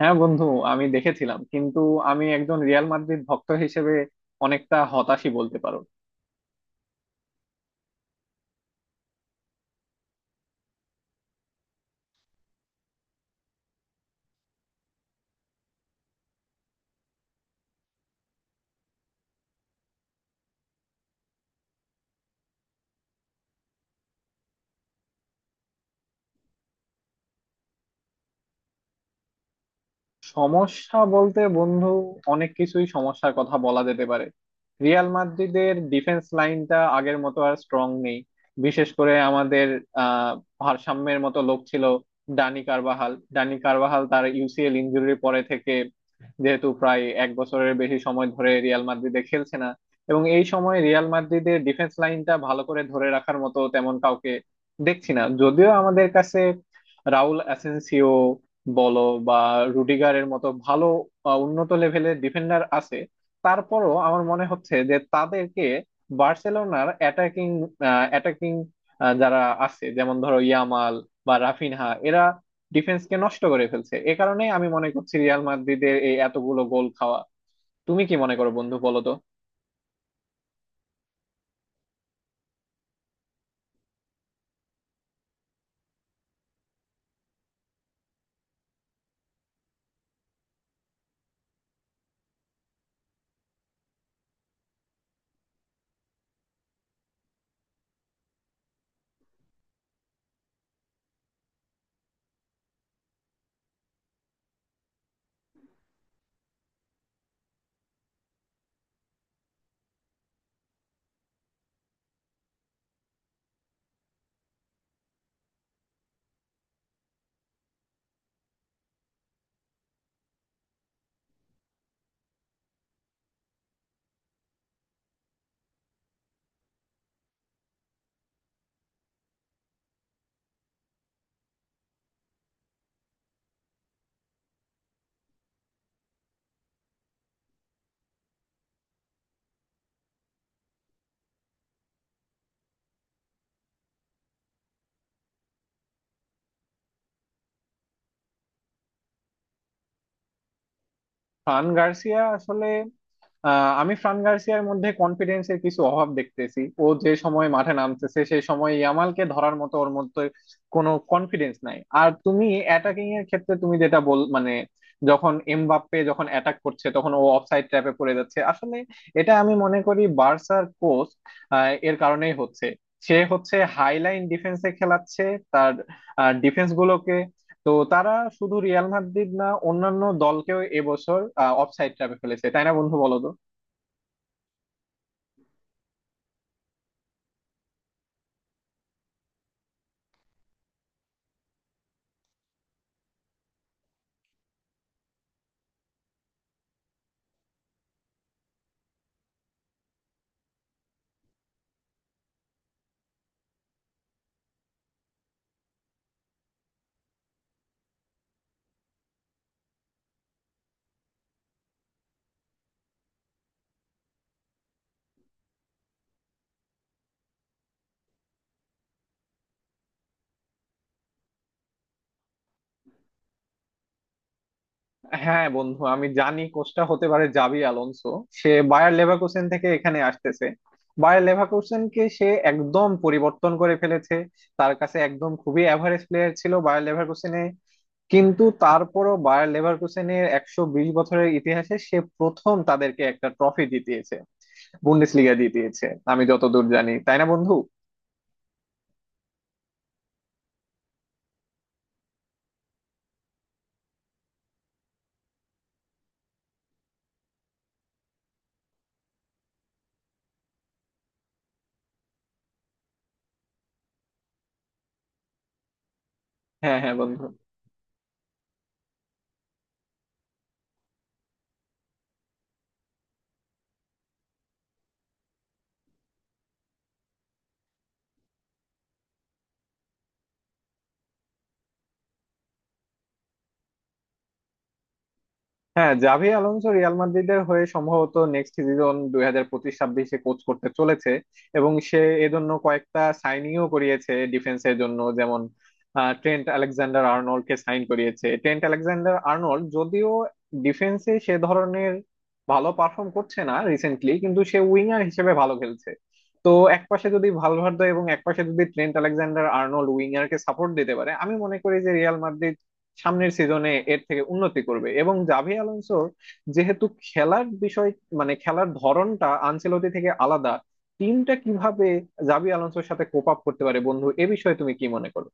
হ্যাঁ বন্ধু, আমি দেখেছিলাম। কিন্তু আমি একজন রিয়াল মাদ্রিদ ভক্ত হিসেবে অনেকটা হতাশই বলতে পারো। সমস্যা বলতে বন্ধু, অনেক কিছুই সমস্যার কথা বলা যেতে পারে। রিয়াল মাদ্রিদের ডিফেন্স লাইনটা আগের মতো আর স্ট্রং নেই। বিশেষ করে আমাদের আহ ভারসাম্যের মতো লোক ছিল। ডানি কারবাহাল তার ইউসিএল ইনজুরির পরে থেকে, যেহেতু প্রায় এক বছরের বেশি সময় ধরে রিয়াল মাদ্রিদে খেলছে না, এবং এই সময় রিয়াল মাদ্রিদের ডিফেন্স লাইনটা ভালো করে ধরে রাখার মতো তেমন কাউকে দেখছি না। যদিও আমাদের কাছে রাউল অ্যাসেনসিও বলো বা রুডিগারের মতো ভালো উন্নত লেভেলের ডিফেন্ডার আছে, তারপরও আমার মনে হচ্ছে যে তাদেরকে বার্সেলোনার অ্যাটাকিং, অ্যাটাকিং যারা আছে যেমন ধরো ইয়ামাল বা রাফিনহা, এরা ডিফেন্সকে নষ্ট করে ফেলছে। এ কারণেই আমি মনে করছি রিয়াল মাদ্রিদের এই এতগুলো গোল খাওয়া। তুমি কি মনে করো বন্ধু, বলো তো? ফ্রান গার্সিয়া আসলে, আমি ফ্রান গার্সিয়ার মধ্যে কনফিডেন্সের কিছু অভাব দেখতেছি। ও যে সময় মাঠে নামতেছে সেই সময় ইয়ামালকে ধরার মতো ওর মধ্যে কোনো কনফিডেন্স নাই। আর তুমি অ্যাটাকিং এর ক্ষেত্রে তুমি যেটা বল, মানে যখন এমবাপ্পে যখন অ্যাটাক করছে তখন ও অফসাইড ট্র্যাপে পড়ে যাচ্ছে আসলে। এটা আমি মনে করি বার্সার কোচ এর কারণেই হচ্ছে। সে হচ্ছে হাইলাইন ডিফেন্সে খেলাচ্ছে তার ডিফেন্স গুলোকে। তো তারা শুধু রিয়াল মাদ্রিদ না, অন্যান্য দলকেও এবছর অফসাইড ট্র্যাপে ফেলেছে, তাই না বন্ধু, বলো তো? হ্যাঁ বন্ধু, আমি জানি কোচটা হতে পারে জাবি আলোনসো। সে বায়ার লেভারকুসেন থেকে এখানে আসতেছে। বায়ার লেভারকুসেনকে সে একদম পরিবর্তন করে ফেলেছে। তার কাছে একদম খুবই অ্যাভারেজ প্লেয়ার ছিল বায়ার লেভারকুসেনে, কিন্তু তারপরও বায়ার লেভারকুসেনের 120 বছরের ইতিহাসে সে প্রথম তাদেরকে একটা ট্রফি জিতিয়েছে, বুন্ডেসলিগা জিতিয়েছে। আমি যতদূর জানি, তাই না বন্ধু? হ্যাঁ হ্যাঁ বন্ধু। হ্যাঁ, জাভি আলোনসো রিয়াল মাদ্রিদের হয়ে সম্ভবত নেক্সট সিজন 2025-26-এ কোচ করতে চলেছে, এবং সে এজন্য কয়েকটা সাইনিংও করিয়েছে ডিফেন্সের জন্য। যেমন ট্রেন্ট আলেকজান্ডার আর্নল্ড কে সাইন করিয়েছে। ট্রেন্ট আলেকজান্ডার আর্নল্ড যদিও ডিফেন্সে সে ধরনের ভালো পারফর্ম করছে না রিসেন্টলি, কিন্তু সে উইঙ্গার হিসেবে ভালো খেলছে। তো একপাশে যদি ভালভার্দে এবং একপাশে যদি ট্রেন্ট আলেকজান্ডার আর্নল্ড উইঙ্গার কে সাপোর্ট দিতে পারে, আমি মনে করি যে রিয়াল মাদ্রিদ সামনের সিজনে এর থেকে উন্নতি করবে। এবং জাভি আলোনসোর যেহেতু খেলার বিষয়, মানে খেলার ধরনটা আনচেলতি থেকে আলাদা, টিমটা কিভাবে জাভি আলোনসোর সাথে কোপ আপ করতে পারে বন্ধু, এ বিষয়ে তুমি কি মনে করো?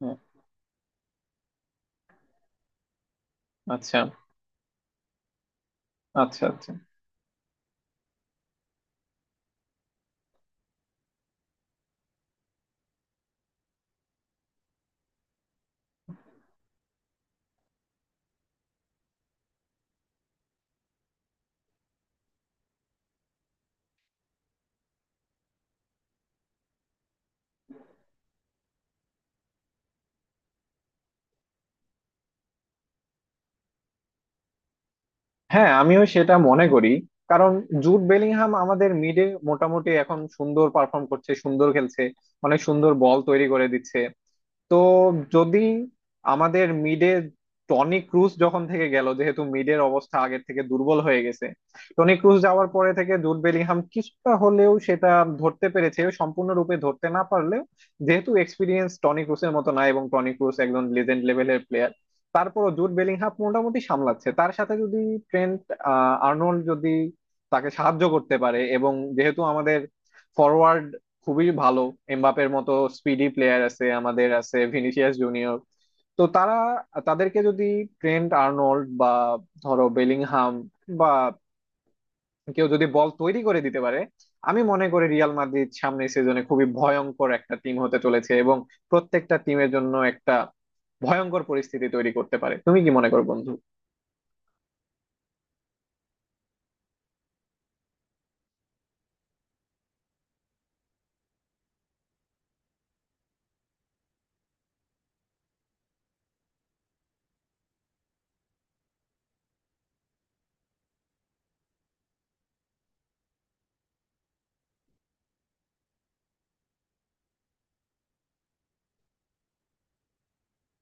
হুম। আচ্ছা। আচ্ছা আচ্ছা। হ্যাঁ, আমিও সেটা মনে করি। কারণ জুড বেলিংহাম আমাদের মিডে মোটামুটি এখন সুন্দর পারফর্ম করছে, সুন্দর খেলছে, অনেক সুন্দর বল তৈরি করে দিচ্ছে। তো যদি আমাদের মিডে, টনি ক্রুস যখন থেকে গেল যেহেতু মিডের অবস্থা আগের থেকে দুর্বল হয়ে গেছে, টনি ক্রুস যাওয়ার পরে থেকে জুড বেলিংহাম কিছুটা হলেও সেটা ধরতে পেরেছে। সম্পূর্ণরূপে ধরতে না পারলেও, যেহেতু এক্সপিরিয়েন্স টনি ক্রুসের মতো না, এবং টনি ক্রুস একজন লেজেন্ড লেভেলের প্লেয়ার, তারপরও জুড বেলিংহাম মোটামুটি সামলাচ্ছে। তার সাথে যদি ট্রেন্ট আর্নল্ড যদি তাকে সাহায্য করতে পারে, এবং যেহেতু আমাদের ফরওয়ার্ড খুবই ভালো, এমবাপের মতো স্পিডি প্লেয়ার আছে, আমাদের আছে ভিনিসিয়াস জুনিয়র, তো তারা, তাদেরকে যদি ট্রেন্ট আর্নল্ড বা ধরো বেলিংহাম বা কেউ যদি বল তৈরি করে দিতে পারে, আমি মনে করি রিয়াল মাদ্রিদ সামনের সিজনে খুবই ভয়ঙ্কর একটা টিম হতে চলেছে, এবং প্রত্যেকটা টিমের জন্য একটা ভয়ঙ্কর পরিস্থিতি তৈরি করতে পারে। তুমি কি মনে করো বন্ধু?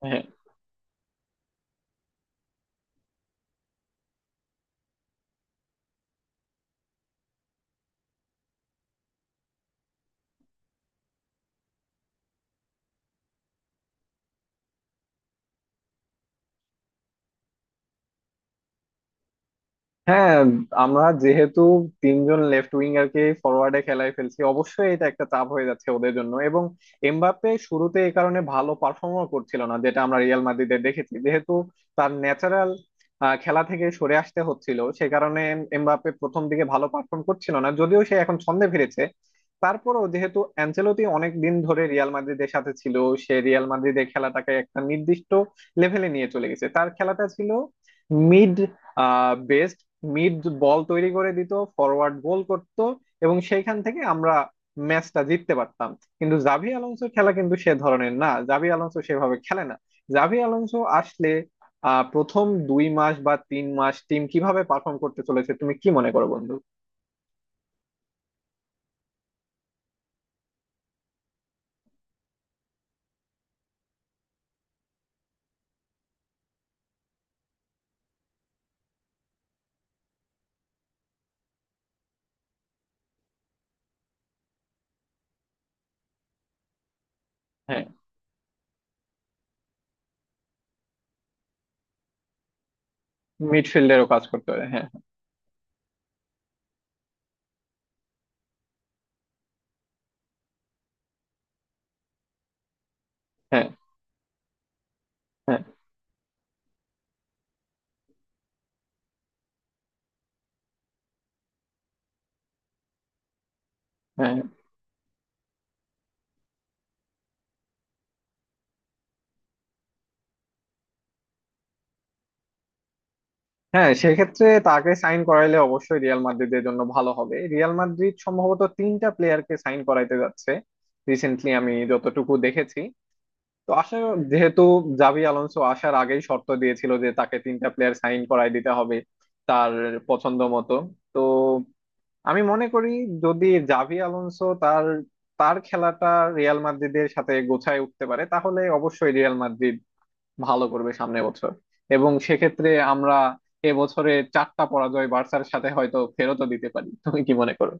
হ্যাঁ। হ্যাঁ, আমরা যেহেতু 3 জন লেফট উইঙ্গারকে ফরওয়ার্ডে খেলায় ফেলছি, অবশ্যই এটা একটা চাপ হয়ে যাচ্ছে ওদের জন্য। এবং এমবাপ্পে শুরুতে এই কারণে ভালো পারফর্মও করছিল না, যেটা আমরা রিয়াল মাদ্রিদে দেখেছি। যেহেতু তার ন্যাচারাল খেলা থেকে সরে আসতে হচ্ছিল, সে কারণে এমবাপ্পে প্রথম দিকে ভালো পারফর্ম করছিল না, যদিও সে এখন ছন্দে ফিরেছে। তারপরও যেহেতু অ্যানচেলোতি অনেক দিন ধরে রিয়াল মাদ্রিদের সাথে ছিল, সে রিয়াল মাদ্রিদের খেলাটাকে একটা নির্দিষ্ট লেভেলে নিয়ে চলে গেছে। তার খেলাটা ছিল, মিড, মিড বল তৈরি করে দিত, ফরওয়ার্ড গোল করত, এবং সেইখান থেকে আমরা ম্যাচটা জিততে পারতাম। কিন্তু জাভি আলোনসোর খেলা কিন্তু সে ধরনের না, জাভি আলোনসো সেভাবে খেলে না। জাভি আলোনসো আসলে, প্রথম 2 মাস বা 3 মাস টিম কিভাবে পারফর্ম করতে চলেছে, তুমি কি মনে করো বন্ধু? হ্যাঁ। মিডফিল্ডেরও কাজ করতে পারে, হ্যাঁ। হ্যাঁ। হ্যাঁ। হ্যাঁ। হ্যাঁ, সেক্ষেত্রে তাকে সাইন করাইলে অবশ্যই রিয়াল মাদ্রিদের জন্য ভালো হবে। রিয়াল মাদ্রিদ সম্ভবত 3 টা প্লেয়ারকে সাইন করাইতে যাচ্ছে রিসেন্টলি আমি যতটুকু দেখেছি। তো আশা, যেহেতু জাভি আলোনসো আসার আগেই শর্ত দিয়েছিল যে তাকে 3 টা প্লেয়ার সাইন করায় দিতে হবে তার পছন্দ মতো, তো আমি মনে করি যদি জাভি আলোনসো তার, তার খেলাটা রিয়াল মাদ্রিদের সাথে গোছায় উঠতে পারে, তাহলে অবশ্যই রিয়াল মাদ্রিদ ভালো করবে সামনের বছর। এবং সেক্ষেত্রে আমরা এবছরে 4 টা পরাজয় বার্সার সাথে হয়তো ফেরতও দিতে পারি। তুমি কি মনে করো?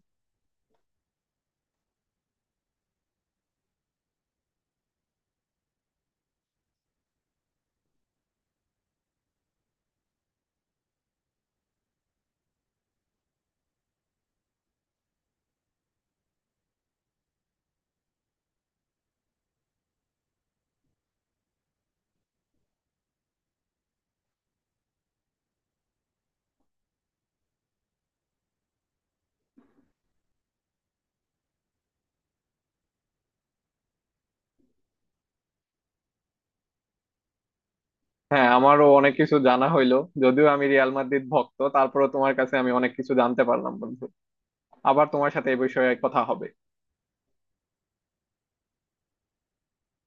হ্যাঁ, আমারও অনেক কিছু জানা হইলো। যদিও আমি রিয়াল মাদ্রিদ ভক্ত, তারপরেও তোমার কাছে আমি অনেক কিছু জানতে পারলাম বন্ধু। আবার তোমার সাথে এ বিষয়ে কথা হবে।